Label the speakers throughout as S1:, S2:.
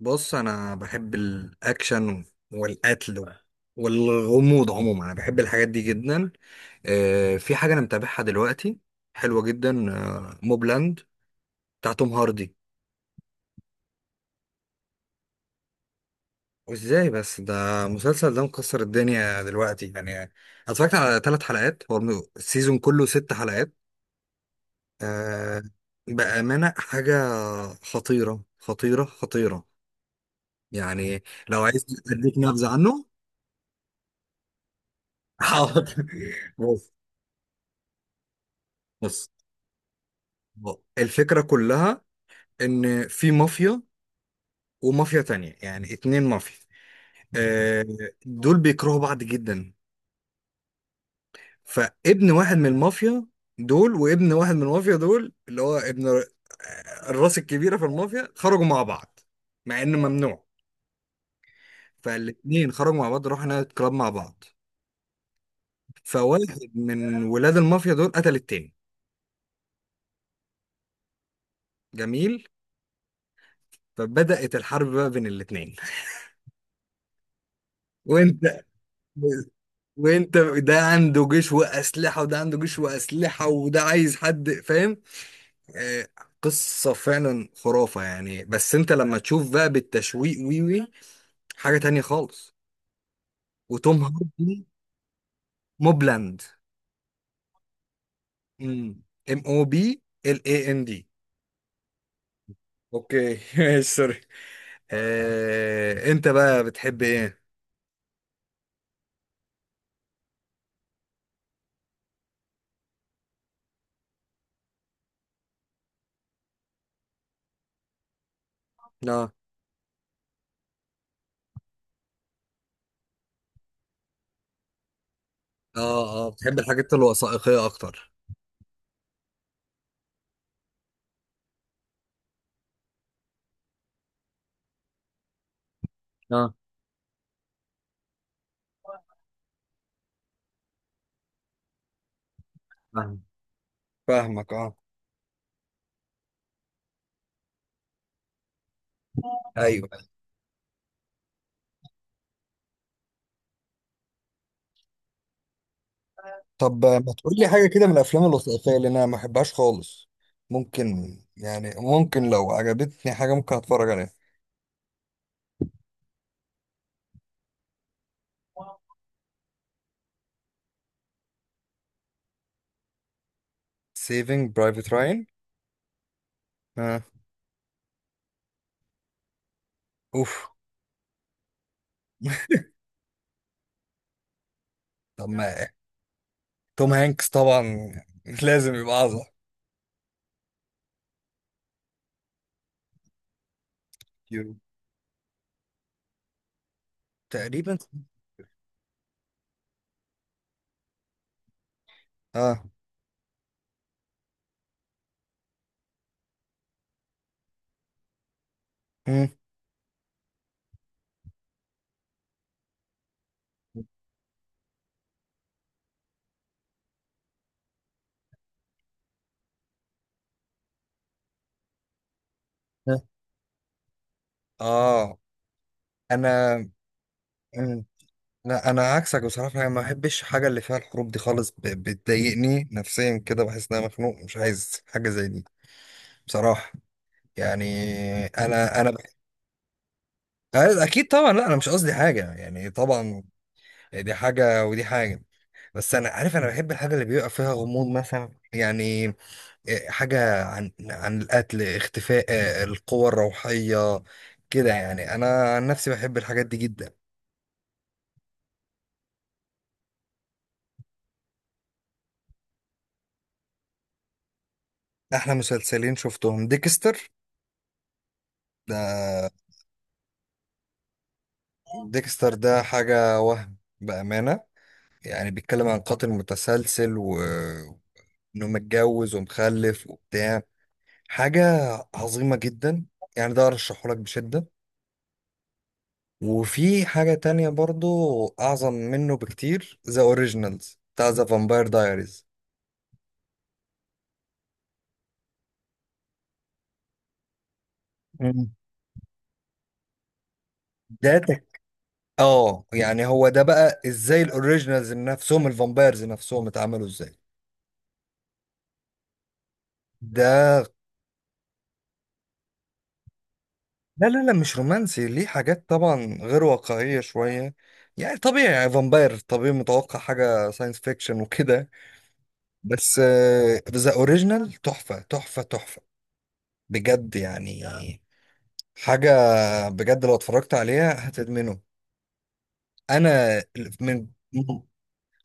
S1: بص، انا بحب الاكشن والقتل والغموض. عموما انا بحب الحاجات دي جدا. في حاجه انا متابعها دلوقتي، حلوه جدا. موبلاند بتاع توم هاردي. وازاي بس؟ ده المسلسل ده مكسر الدنيا دلوقتي. يعني أنا اتفرجت على 3 حلقات، هو السيزون كله 6 حلقات. آه، بامانه حاجه خطيره خطيره خطيره. يعني لو عايز اديك نبذه عنه. حاضر. بص، بص. الفكرة كلها إن في مافيا ومافيا تانية، يعني 2 مافيا. آه، دول بيكرهوا بعض جدا. فابن واحد من المافيا دول وابن واحد من المافيا دول اللي هو الراس الكبيرة في المافيا، خرجوا مع بعض مع إنه ممنوع. فالاتنين خرجوا مع بعض، راحوا نايت كلاب مع بعض. فواحد من ولاد المافيا دول قتل التاني. جميل. فبدأت الحرب بقى بين الاتنين. وانت وانت، ده عنده جيش واسلحه وده عنده جيش واسلحه وده، عايز حد فاهم. آه، قصه فعلا خرافه يعني. بس انت لما تشوف بقى بالتشويق، وي وي، حاجه تانية خالص. وتوم هاردي. موبلاند. MOBLAND. اوكي. ماشي، سوري. انت بقى بتحب ايه؟ اه، اه، اه. بتحب الحاجات الوثائقيه اكتر؟ اه. فاهم. فاهمك، اه. ايوه. طب ما تقول لي حاجة كده من الأفلام الوثائقية اللي أنا ما بحبهاش خالص. ممكن، يعني ممكن لو عجبتني حاجة ممكن أتفرج عليها. Saving Private Ryan. آه. أوف. طب ما توم هانكس طبعا لازم يبقى أعظم. تقريبا. آه. مم. آه. أنا. مم. لا، أنا عكسك بصراحة، أنا ما بحبش الحاجة اللي فيها الحروب دي خالص. بتضايقني نفسيا كده، بحس إن أنا مخنوق، مش عايز حاجة زي دي. بصراحة. يعني أنا. اكيد طبعا. لا انا مش قصدي حاجه يعني، طبعا دي حاجه ودي حاجه. بس انا عارف انا بحب الحاجه اللي بيبقى فيها غموض مثلا. يعني حاجه عن القتل، اختفاء، القوى الروحيه كده. يعني انا عن نفسي بحب الحاجات دي جدا. احلى مسلسلين شفتهم ديكستر. ده. ديكستر ده حاجه وهم بامانه. يعني بيتكلم عن قاتل متسلسل، وانه متجوز ومخلف وبتاع. حاجة عظيمة جدا. يعني ده أرشحه لك بشدة. وفي حاجة تانية برضو أعظم منه بكتير، ذا أوريجينالز بتاع ذا فامباير دايريز. مم. ده تك... اه، يعني هو ده بقى ازاي الأوريجينالز نفسهم، الفامبايرز نفسهم اتعملوا ازاي. ده. لا، لا، لا، مش رومانسي. ليه حاجات طبعا غير واقعية شوية. يعني طبيعي، يعني فامباير طبيعي، متوقع حاجة ساينس فيكشن وكده. بس ذا أوريجينال تحفة، تحفة، تحفة. بجد يعني. حاجة. بجد لو اتفرجت عليها هتدمنه. انا. من. مم.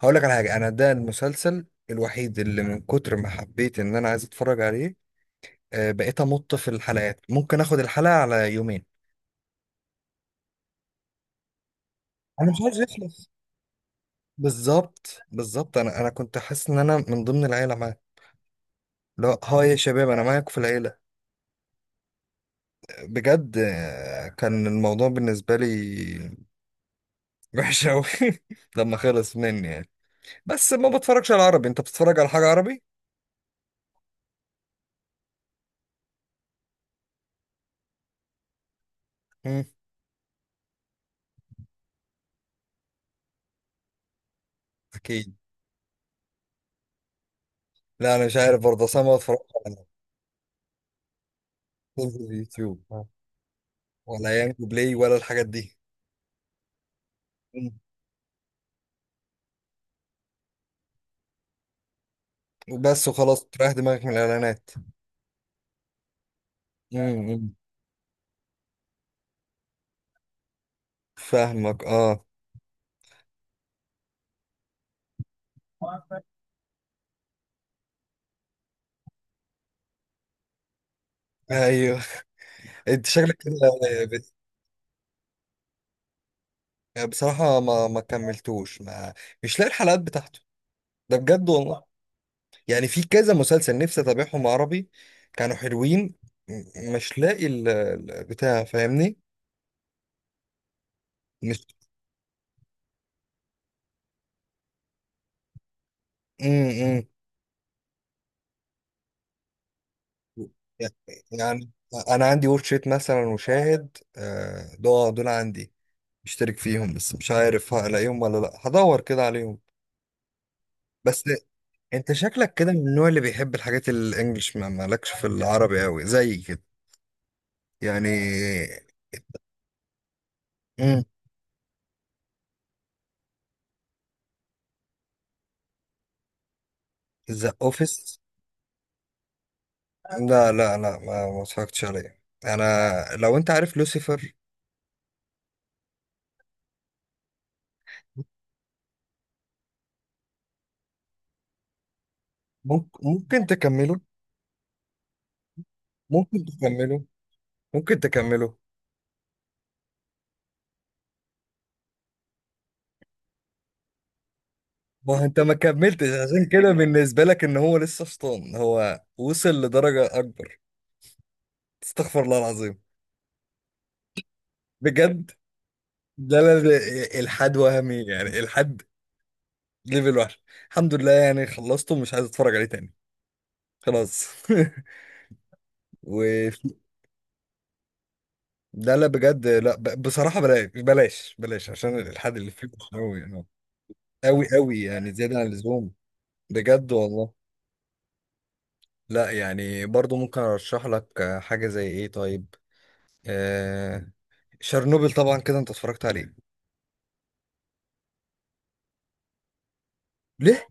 S1: هقول لك على حاجة. انا ده المسلسل الوحيد اللي من كتر ما حبيت ان انا عايز اتفرج عليه، بقيت امط في الحلقات، ممكن اخد الحلقة على يومين. انا مش عايز يخلص. بالظبط، بالظبط. انا كنت حاسس ان انا من ضمن العيلة معاه. لا، هاي يا شباب، انا معاكم في العيلة. بجد. كان الموضوع بالنسبة لي وحش قوي. لما خلص مني يعني. بس ما بتفرجش على عربي؟ انت بتتفرج على حاجة عربي؟ اكيد. لا انا مش عارف برضه، اصلا ما اتفرجش. على تنزل اليوتيوب؟ ولا يانجو بلاي ولا الحاجات دي. مم. وبس وخلاص، تريح دماغك من الاعلانات. امم. فاهمك، اه. ايوه. انت شكلك كده. بت- بصراحه ما كملتوش. ما مش لاقي الحلقات بتاعته. ده بجد والله. يعني في كذا مسلسل نفسي اتابعهم عربي، كانوا حلوين. مش لاقي بتاع، فاهمني؟ مش. امم. يعني انا عندي ورك شيت مثلا وشاهد، دول عندي مشترك فيهم. بس مش عارف هلاقيهم ولا لا، هدور كده عليهم. بس انت شكلك كده من النوع اللي بيحب الحاجات الانجليش، ما مالكش في العربي قوي زي كده يعني. امم. ذا اوفيس. لا، لا، لا، ما اتفرجتش عليه انا. لو انت عارف لوسيفر. ممكن تكمله، ممكن تكمله، ممكن تكمله. ما هو انت ما كملتش، عشان كده بالنسبة لك ان هو لسه شيطان. هو وصل لدرجة اكبر. استغفر الله العظيم. بجد. لا، لا، لا، الحاد وهمي يعني. الحاد ليفل وحش. الحمد لله يعني خلصته، مش عايز اتفرج عليه تاني. خلاص. و. لا، لا، بجد لا. بصراحة بلاش، بلاش، بلاش، عشان الالحاد اللي فيه مش قوي يعني. قوي، قوي، يعني زيادة عن اللزوم. بجد والله. لا يعني برضو ممكن ارشح لك حاجة. زي ايه طيب؟ آه، شرنوبل، طبعا كده انت اتفرجت عليه. ليه؟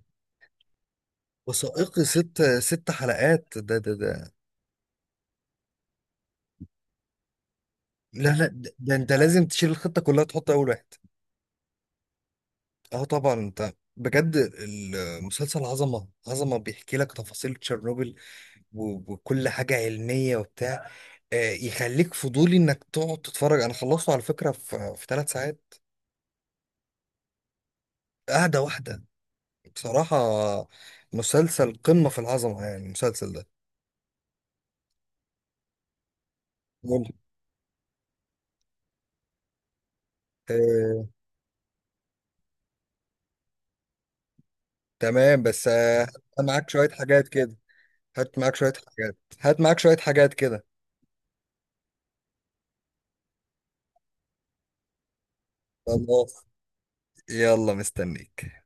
S1: وثائقي، اه. ست حلقات. ده. لا، لا، ده انت لازم تشيل الخطة كلها، تحط اول واحد. اه طبعا. انت بجد المسلسل عظمة، عظمة. بيحكي لك تفاصيل تشيرنوبل وكل حاجة علمية وبتاع. يخليك فضولي انك تقعد تتفرج. انا خلصته على فكرة في 3 ساعات. قاعدة واحدة بصراحة. مسلسل قمة في العظمة يعني، المسلسل ده. قول. آه، تمام. بس معاك شوية حاجات كده. هات معاك شوية حاجات، هات معاك شوية حاجات كده. خلاص، يلا مستنيك.